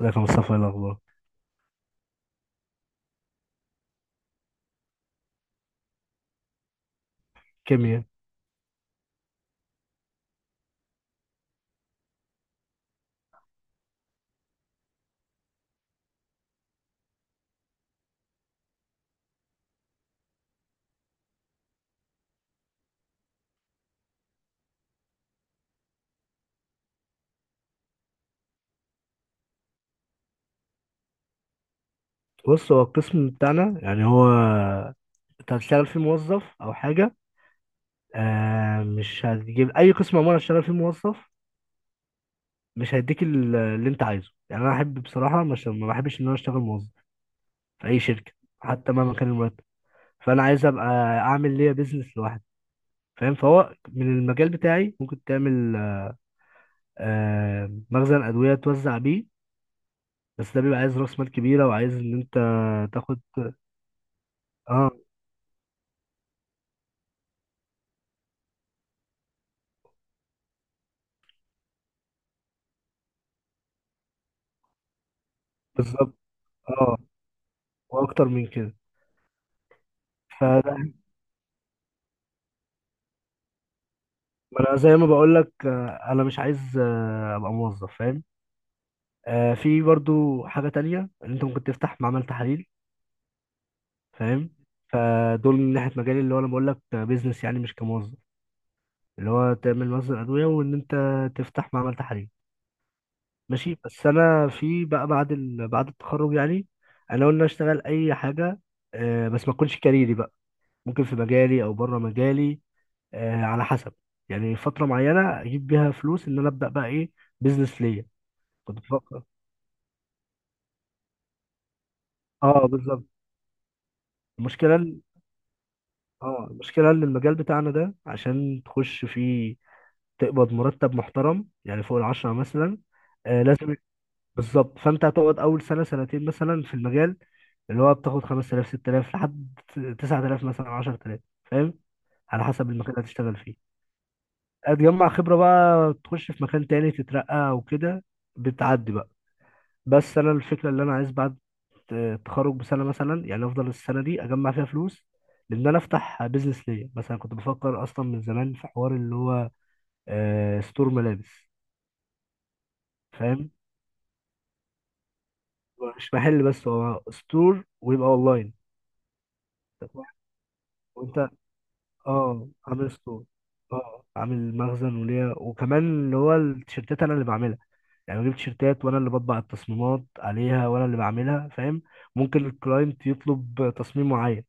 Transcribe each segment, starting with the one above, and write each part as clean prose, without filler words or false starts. ازيك يا مصطفى؟ ايه الاخبار؟ كيمياء. بص، هو القسم بتاعنا يعني هو انت هتشتغل فيه موظف او حاجه. آه، مش هتجيب اي قسم عموما هتشتغل فيه موظف. مش هيديك اللي انت عايزه، يعني انا احب بصراحه، مش ما بحبش ان انا اشتغل موظف في اي شركه حتى مهما كان المرتب. فانا عايز ابقى اعمل ليا بيزنس لوحدي. فاهم؟ فهو من المجال بتاعي ممكن تعمل مخزن ادويه توزع بيه، بس ده بيبقى عايز راس مال كبيره، وعايز ان انت تاخد. اه، بالظبط. اه، واكتر من كده. فده، ما انا زي ما بقول لك، انا مش عايز ابقى موظف، فاهم؟ في برضو حاجه تانية، ان انت ممكن تفتح معمل تحاليل، فاهم؟ فدول من ناحيه مجالي، اللي هو انا بقول لك بيزنس يعني مش كموظف، اللي هو تعمل مصدر ادويه وان انت تفتح معمل تحاليل. ماشي، بس انا في بقى بعد التخرج يعني، انا قلنا اشتغل اي حاجه، بس ما تكونش كاريري بقى، ممكن في مجالي او بره مجالي، آه، على حسب. يعني فترة معينة أجيب بيها فلوس إن أنا أبدأ بقى إيه، بيزنس ليا. كنت بفكر، أه بالظبط. المشكلة إن- أه، المشكلة إن المجال بتاعنا ده عشان تخش فيه تقبض مرتب محترم يعني فوق 10 مثلا. آه، لازم. بالظبط، فأنت هتقعد أول سنة سنتين مثلا في المجال اللي هو بتاخد 5,000 6,000 لحد 9,000 مثلا 10,000، فاهم؟ على حسب المكان اللي هتشتغل فيه. هتجمع خبرة بقى، تخش في مكان تاني، تترقى وكده، بتعدي بقى. بس انا الفكره اللي انا عايز بعد التخرج بسنه مثلا، يعني افضل السنه دي اجمع فيها فلوس، لان انا افتح بيزنس ليا. مثلا كنت بفكر اصلا من زمان في حوار اللي هو ستور ملابس. فاهم؟ هو مش محل بس، هو ستور ويبقى اونلاين. وانت، اه، عامل ستور، اه، عامل مخزن وليا، وكمان اللي هو التيشيرتات انا اللي بعملها. يعني بجيب تيشيرتات وانا اللي بطبع التصميمات عليها، وانا اللي بعملها، فاهم؟ ممكن الكلاينت يطلب تصميم معين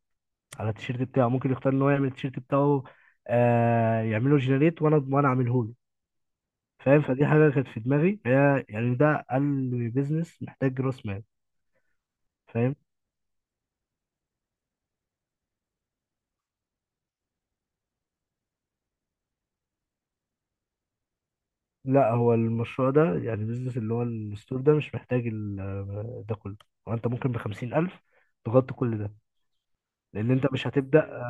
على التيشيرت بتاعه، ممكن يختار ان هو يعمل التيشيرت بتاعه، آه، يعمله جنريت، وانا اعمله له. فاهم؟ فدي حاجه كانت في دماغي، هي يعني ده اقل بيزنس محتاج راس مال. فاهم؟ لا، هو المشروع ده، يعني البيزنس اللي هو الستور ده، مش محتاج ده كله. وانت ممكن بـ50,000 تغطي كل ده. لأن أنت مش هتبدأ.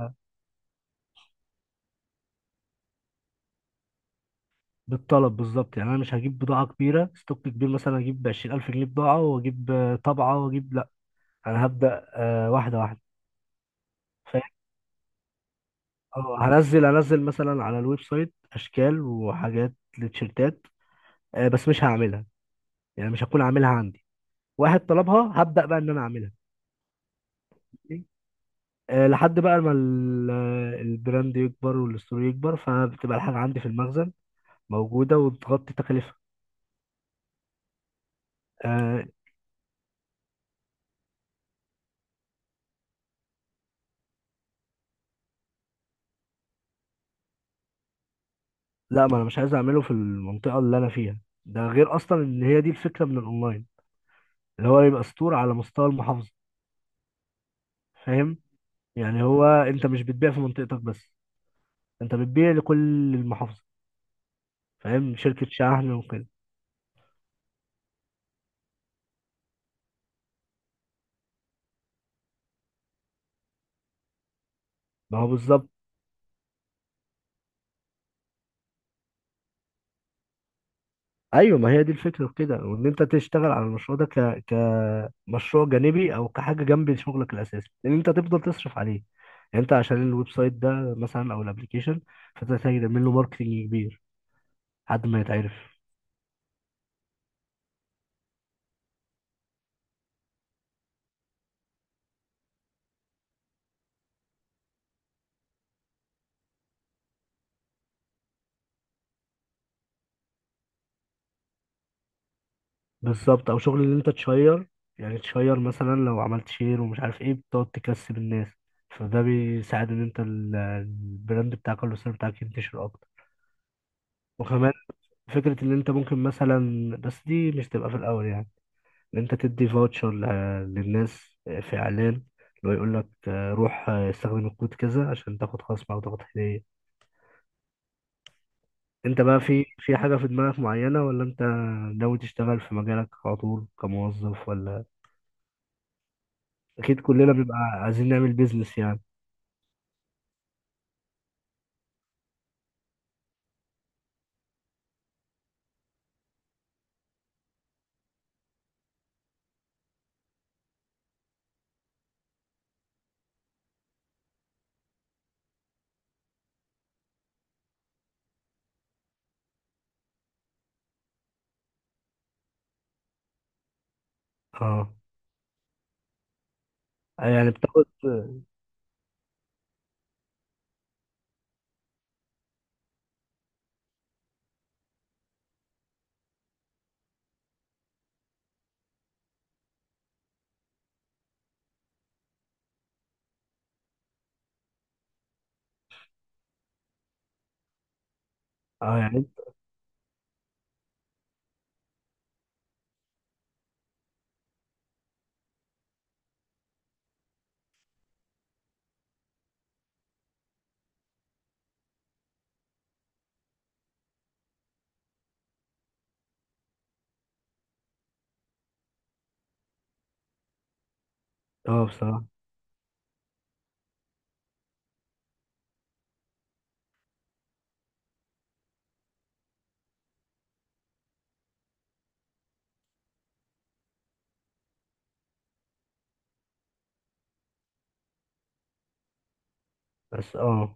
بالطلب، بالظبط. يعني أنا مش هجيب بضاعة كبيرة، ستوك كبير، مثلا هجيب بـ20,000 جنيه بضاعة، وأجيب طبعة، وأجيب لأ، أنا هبدأ واحدة واحدة. اه، هنزل مثلا على الويب سايت اشكال وحاجات لتيشيرتات، بس مش هعملها، يعني مش هكون عاملها عندي. واحد طلبها، هبدأ بقى ان انا اعملها. لحد بقى ما البراند يكبر والستور يكبر، فبتبقى الحاجة عندي في المخزن موجودة، وبتغطي تكلفة. آه. لا، ما انا مش عايز اعمله في المنطقة اللي انا فيها. ده غير اصلا ان هي دي الفكرة من الاونلاين، اللي هو يبقى ستور على مستوى المحافظة. فاهم؟ يعني هو انت مش بتبيع في منطقتك بس، انت بتبيع لكل المحافظة. فاهم؟ شركة شحن وكده. ما هو بالظبط. ايوه، ما هي دي الفكرة في كده، وان انت تشتغل على المشروع ده كمشروع جانبي او كحاجة جنب شغلك الاساسي، لان انت تفضل تصرف عليه. يعني انت عشان الويب سايت ده مثلا او الابليكيشن، فانت محتاج تعمل له ماركتنج كبير لحد ما يتعرف. بالظبط، او شغل ان انت تشير، يعني تشير مثلا، لو عملت شير ومش عارف ايه، بتقعد تكسب الناس، فده بيساعد ان انت البراند بتاعك او السيرفيس بتاعك ينتشر اكتر. وكمان فكرة إن أنت ممكن مثلا، بس دي مش تبقى في الأول يعني، إن أنت تدي فاوتشر للناس في إعلان، اللي هو يقول لك روح استخدم الكود كذا عشان تاخد خصم أو تاخد هدية. أنت بقى في حاجة في دماغك معينة، ولا أنت ناوي تشتغل في مجالك على طول كموظف؟ ولا أكيد كلنا بيبقى عايزين نعمل بيزنس يعني. أه. يعني بتاخد. أه، يعني. أه، بصراحة. بس أه،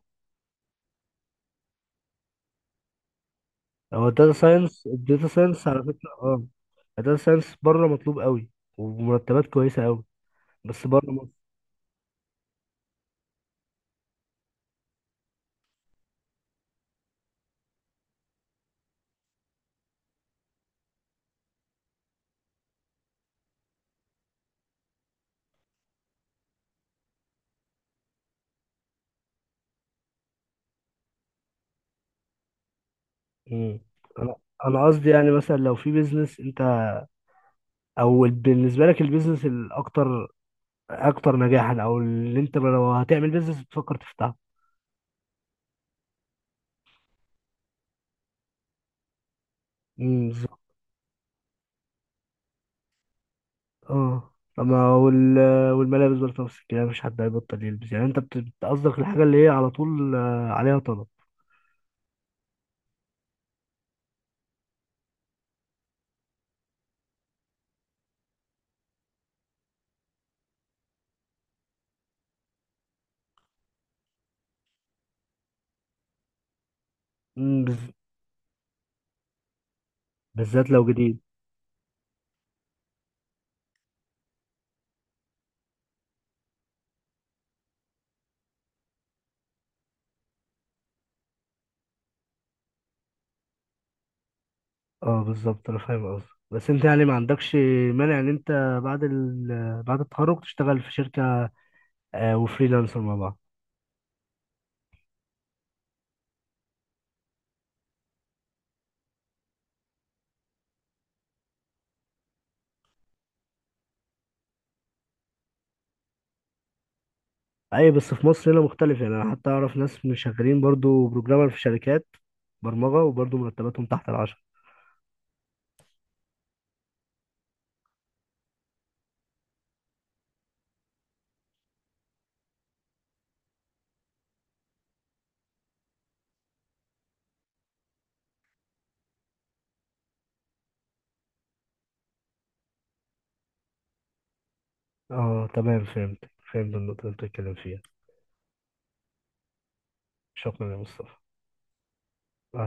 هو الداتا ساينس، الداتا ساينس على فكرة، أه الداتا ساينس بره مطلوب قوي، ومرتبات كويسة قوي. بس بره مصر. مم. انا، انا قصدي يعني مثلا لو في بيزنس انت، او بالنسبه لك البيزنس اكتر نجاحا، او اللي انت لو هتعمل بيزنس بتفكر تفتحه. امم، بالظبط. اه، طب ما والملابس برضه نفس الكلام، مش حد هيبطل يلبس، يعني انت بتقصدك الحاجه اللي هي على طول عليها طلب. امم بز... بالذات لو جديد. اه بالظبط، انا فاهم قصدك، بس انت يعني ما عندكش مانع ان انت بعد التخرج تشتغل في شركه وفريلانسر مع بعض. اي بس في مصر هنا مختلف، يعني انا حتى اعرف ناس مش شغالين برضو بروجرامر في شركات برمجة، وبرضو مرتباتهم تحت 10. اه تمام، فهمت. فهمت النقطة اللي بتتكلم فيها. شكرا يا مصطفى. آه.